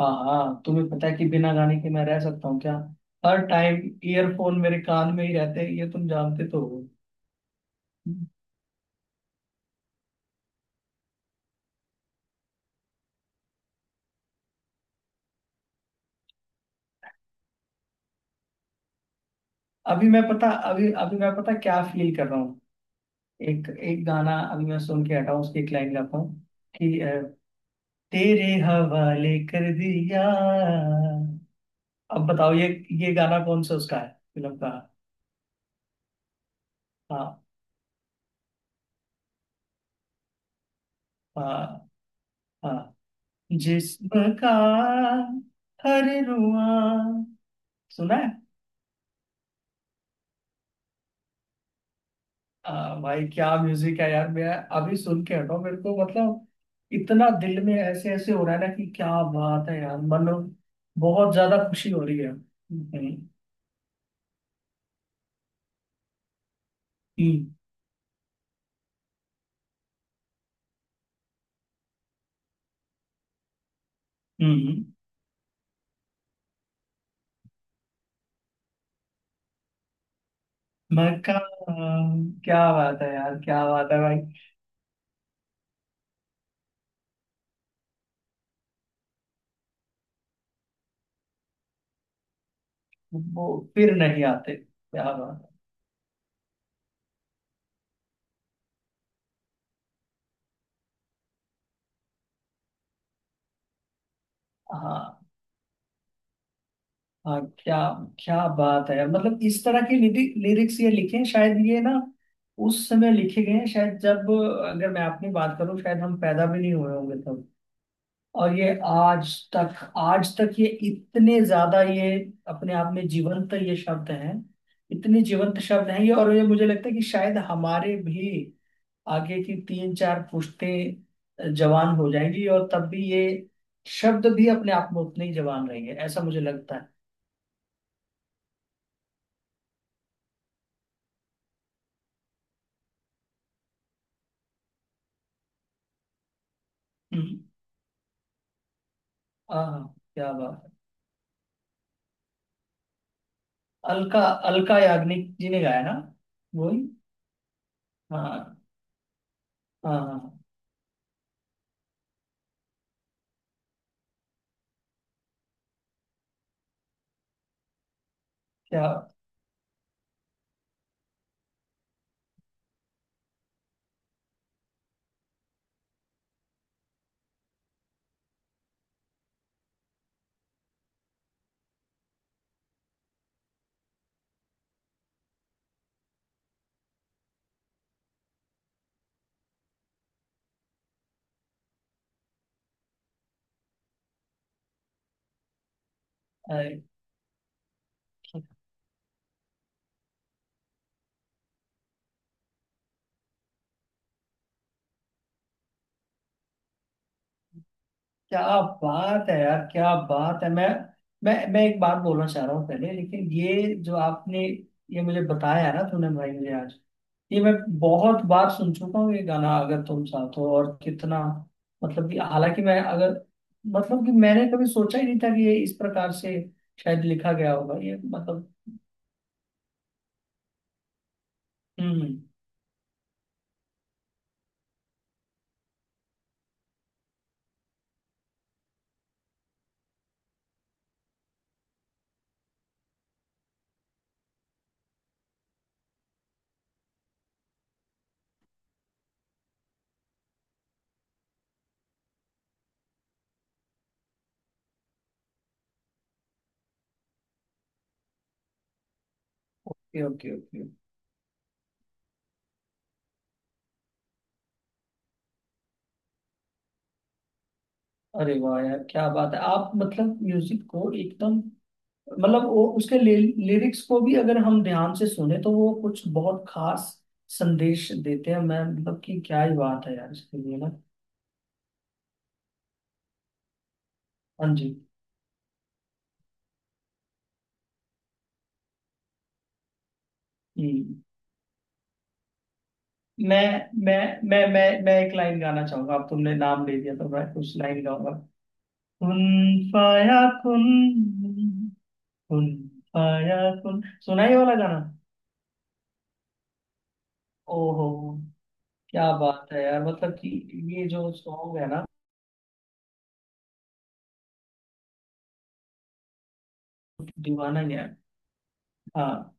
हाँ हाँ, तुम्हें पता है कि बिना गाने के मैं रह सकता हूँ क्या? हर टाइम ईयरफोन मेरे कान में ही रहते हैं, ये तुम जानते तो हो। अभी अभी मैं पता क्या फील कर रहा हूँ। एक एक गाना अभी मैं सुन के हटा हूँ, उसकी एक लाइन गाता हूँ कि तेरे हवाले कर दिया। अब बताओ ये गाना कौन सा उसका है, फिल्म का। हाँ हाँ हाँ। जिस्म का हर रुआ सुना है। आ, भाई क्या म्यूजिक है यार। मैं अभी सुन के हटाओ मेरे को मतलब, इतना दिल में ऐसे ऐसे हो रहा है ना, कि क्या बात है यार मन, बहुत ज्यादा खुशी हो रही है। हम्म, हम्म। हम्म। हम्म। मैं का क्या बात है यार, क्या बात है भाई। वो फिर नहीं आते, क्या बात है। हाँ हाँ, क्या। क्या बात है यार, मतलब इस तरह के लिरिक्स ये लिखे हैं, शायद ये ना उस समय लिखे गए हैं, शायद जब, अगर मैं अपनी बात करूं, शायद हम पैदा भी नहीं हुए होंगे तब। और ये आज तक, आज तक ये इतने ज्यादा ये अपने आप में जीवंत ये शब्द हैं। इतने जीवंत शब्द हैं ये, और ये मुझे लगता है कि शायद हमारे भी आगे की तीन चार पुश्तें जवान हो जाएंगी, और तब भी ये शब्द भी अपने आप में उतने ही जवान रहेंगे, ऐसा मुझे लगता है। हम्म, आह, क्या बात है। अलका अलका याग्निक जी ने गाया ना। वही। हाँ हाँ हाँ, क्या। अरे, क्या बात है यार, क्या बात है, मैं एक बात बोलना चाह रहा हूँ पहले, लेकिन ये जो आपने ये मुझे बताया ना तूने भाई मुझे आज, ये मैं बहुत बार सुन चुका हूँ ये गाना अगर तुम साथ हो, और कितना मतलब कि हालांकि मैं अगर, मतलब कि मैंने कभी सोचा ही नहीं था कि ये इस प्रकार से शायद लिखा गया होगा ये मतलब। हम्म। Okay, okay, okay. अरे वाह यार, क्या बात है, आप मतलब म्यूजिक को एकदम, मतलब वो उसके लिरिक्स को भी अगर हम ध्यान से सुने तो वो कुछ बहुत खास संदेश देते हैं, मैं मतलब कि क्या ही बात है यार इसके लिए ना। हाँ जी। हम्म। मैं मैं मैं एक लाइन गाना चाहूंगा, अब तुमने नाम ले दिया तो मैं कुछ लाइन गाऊंगा। कुन फाया कुन, कुन फाया कुन, सुना ये वाला गाना? ओहो, क्या बात है यार, मतलब कि ये जो सॉन्ग है ना, दीवाना ही है। हाँ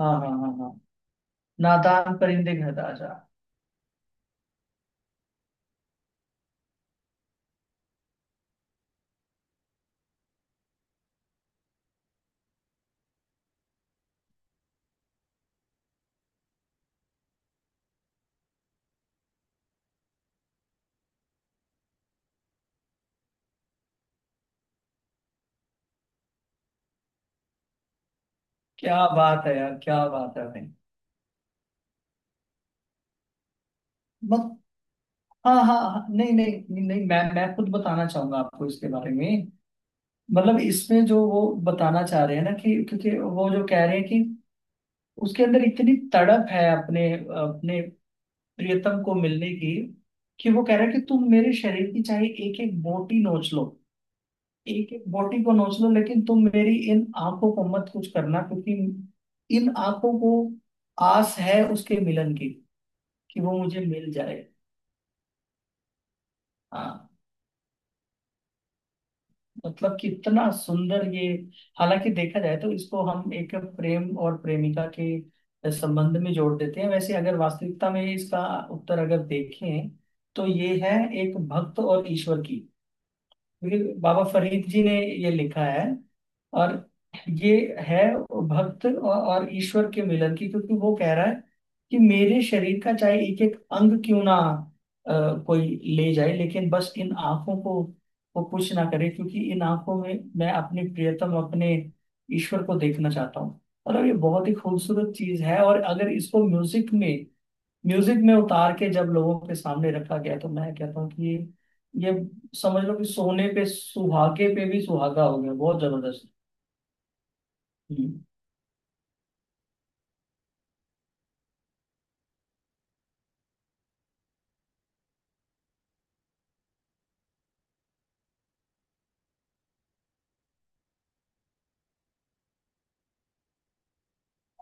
हाँ हाँ हाँ हाँ। नादान परिंदे घर आ जा। क्या बात है यार, क्या बात है भाई, मतलब। हाँ हाँ हाँ, नहीं नहीं नहीं, मैं खुद बताना चाहूंगा आपको इसके बारे में। मतलब इसमें जो वो बताना चाह रहे हैं ना कि, क्योंकि वो जो कह रहे हैं कि उसके अंदर इतनी तड़प है अपने अपने प्रियतम को मिलने की, कि वो कह रहा है कि तुम मेरे शरीर की चाहे एक एक बोटी नोच लो, एक एक बोटी को नोच लो, लेकिन तुम मेरी इन आंखों को मत कुछ करना, क्योंकि इन आंखों को आस है उसके मिलन की, कि वो मुझे मिल जाए। हाँ, मतलब कितना सुंदर ये। हालांकि देखा जाए तो इसको हम एक प्रेम और प्रेमिका के संबंध में जोड़ देते हैं, वैसे अगर वास्तविकता में इसका उत्तर अगर देखें, तो ये है एक भक्त और ईश्वर की, क्योंकि बाबा फरीद जी ने ये लिखा है। और ये है भक्त और ईश्वर के मिलन की, क्योंकि वो कह रहा है कि मेरे शरीर का चाहे एक एक अंग क्यों ना, अ, कोई ले जाए, लेकिन बस इन आंखों को वो कुछ ना करे, क्योंकि इन आंखों में मैं अपने प्रियतम, अपने ईश्वर को देखना चाहता हूँ। मतलब ये बहुत ही खूबसूरत चीज है, और अगर इसको म्यूजिक में उतार के जब लोगों के सामने रखा गया, तो मैं कहता हूँ कि ये समझ लो कि सोने पे सुहागे पे भी सुहागा हो गया, बहुत जबरदस्त। हम्म,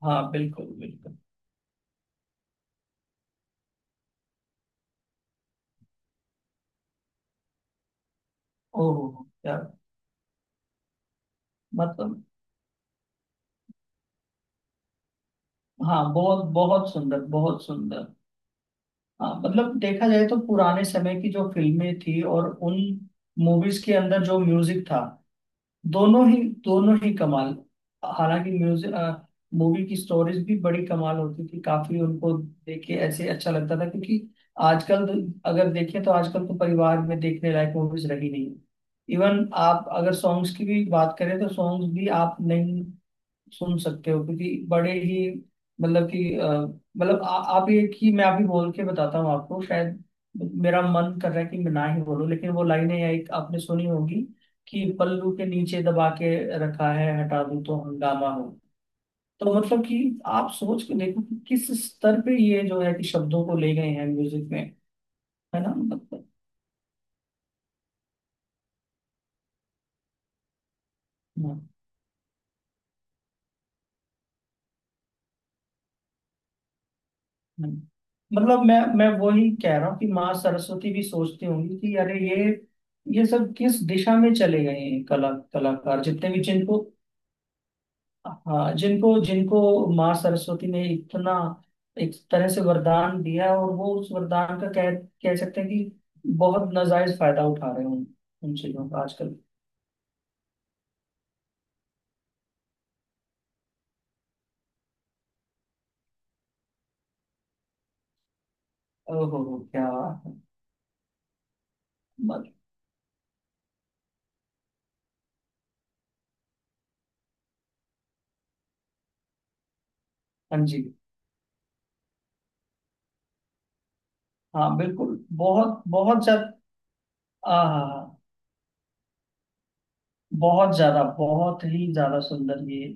हाँ बिल्कुल बिल्कुल। ओह यार, मतलब। हाँ, बहुत बहुत सुंदर, बहुत सुंदर। हाँ मतलब देखा जाए तो पुराने समय की जो फिल्में थी और उन मूवीज के अंदर जो म्यूजिक था, दोनों ही कमाल। हालांकि म्यूजिक, मूवी की स्टोरीज भी बड़ी कमाल होती थी, काफी उनको देख के ऐसे अच्छा लगता था, क्योंकि आजकल तो, अगर देखें तो आजकल तो परिवार में देखने लायक मूवीज रही नहीं। इवन आप अगर सॉन्ग्स की भी बात करें तो सॉन्ग्स भी आप नहीं सुन सकते हो, क्योंकि बड़े ही मतलब कि मतलब आप ये कि मैं अभी बोल के बताता हूँ आपको, शायद मेरा मन कर रहा है कि मैं ना ही बोलूं, लेकिन वो लाइनें एक आपने सुनी होगी कि पल्लू के नीचे दबा के रखा है, हटा दूं तो हंगामा हो। तो मतलब कि आप सोच के देखो कि किस स्तर पे ये जो है कि शब्दों को ले गए हैं म्यूजिक में, है ना मतलब। हाँ। हम्म। मतलब मैं वही कह रहा हूँ कि माँ सरस्वती भी सोचती होंगी कि अरे ये सब किस दिशा में चले गए हैं, कला कलाकार जितने भी जिनको, हाँ जिनको जिनको माँ सरस्वती ने इतना एक तरह से वरदान दिया है, और वो उस वरदान का कह कह सकते हैं कि बहुत नाजायज फायदा उठा रहे हैं उन उन चीजों का आजकल। ओहो हो, क्या बात है। मत- हाँ जी, हाँ बिल्कुल, बहुत बहुत ज्यादा। हाँ हाँ हाँ। बहुत ज्यादा, बहुत ही ज्यादा सुंदर ये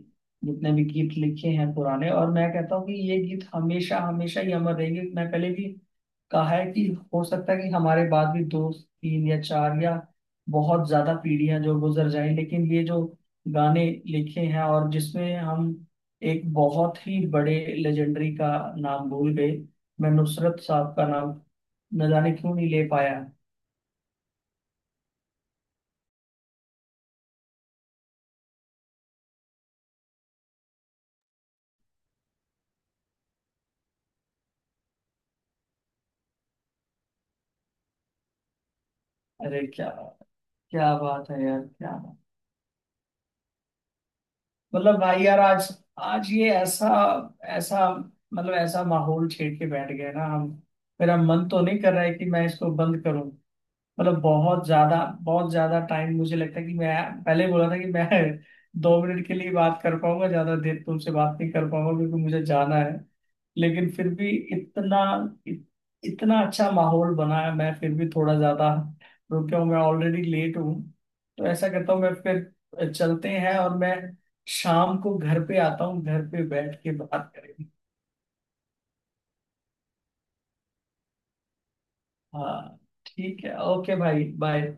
जितने भी गीत लिखे हैं पुराने, और मैं कहता हूँ कि ये गीत हमेशा हमेशा ही अमर रहेंगे, मैं पहले भी कहा है कि हो सकता है कि हमारे बाद भी दो तीन या चार या बहुत ज्यादा पीढ़ियां जो गुजर जाएं, लेकिन ये जो गाने लिखे हैं और जिसमें हम एक बहुत ही बड़े लेजेंडरी का नाम भूल गए, मैं नुसरत साहब का नाम न जाने क्यों नहीं ले पाया। अरे क्या, क्या बात है यार, क्या मतलब भाई यार, आज आज ये ऐसा ऐसा, मतलब ऐसा माहौल छेड़ के बैठ गए ना हम, मेरा मन तो नहीं कर रहा है कि मैं इसको बंद करूं, मतलब बहुत ज्यादा, बहुत ज्यादा टाइम मुझे लगता है कि मैं पहले बोला था कि मैं 2 मिनट के लिए बात कर पाऊंगा, ज्यादा देर तुमसे बात नहीं कर पाऊंगा, क्योंकि मुझे जाना है। लेकिन फिर भी इतना इत, इतना अच्छा माहौल बना है, मैं फिर भी थोड़ा ज्यादा रुक गया हूँ, मैं ऑलरेडी लेट हूँ। तो ऐसा करता हूँ मैं, फिर चलते हैं, और मैं शाम को घर पे आता हूँ, घर पे बैठ के बात करेंगे। हाँ, ठीक है, ओके भाई, बाय।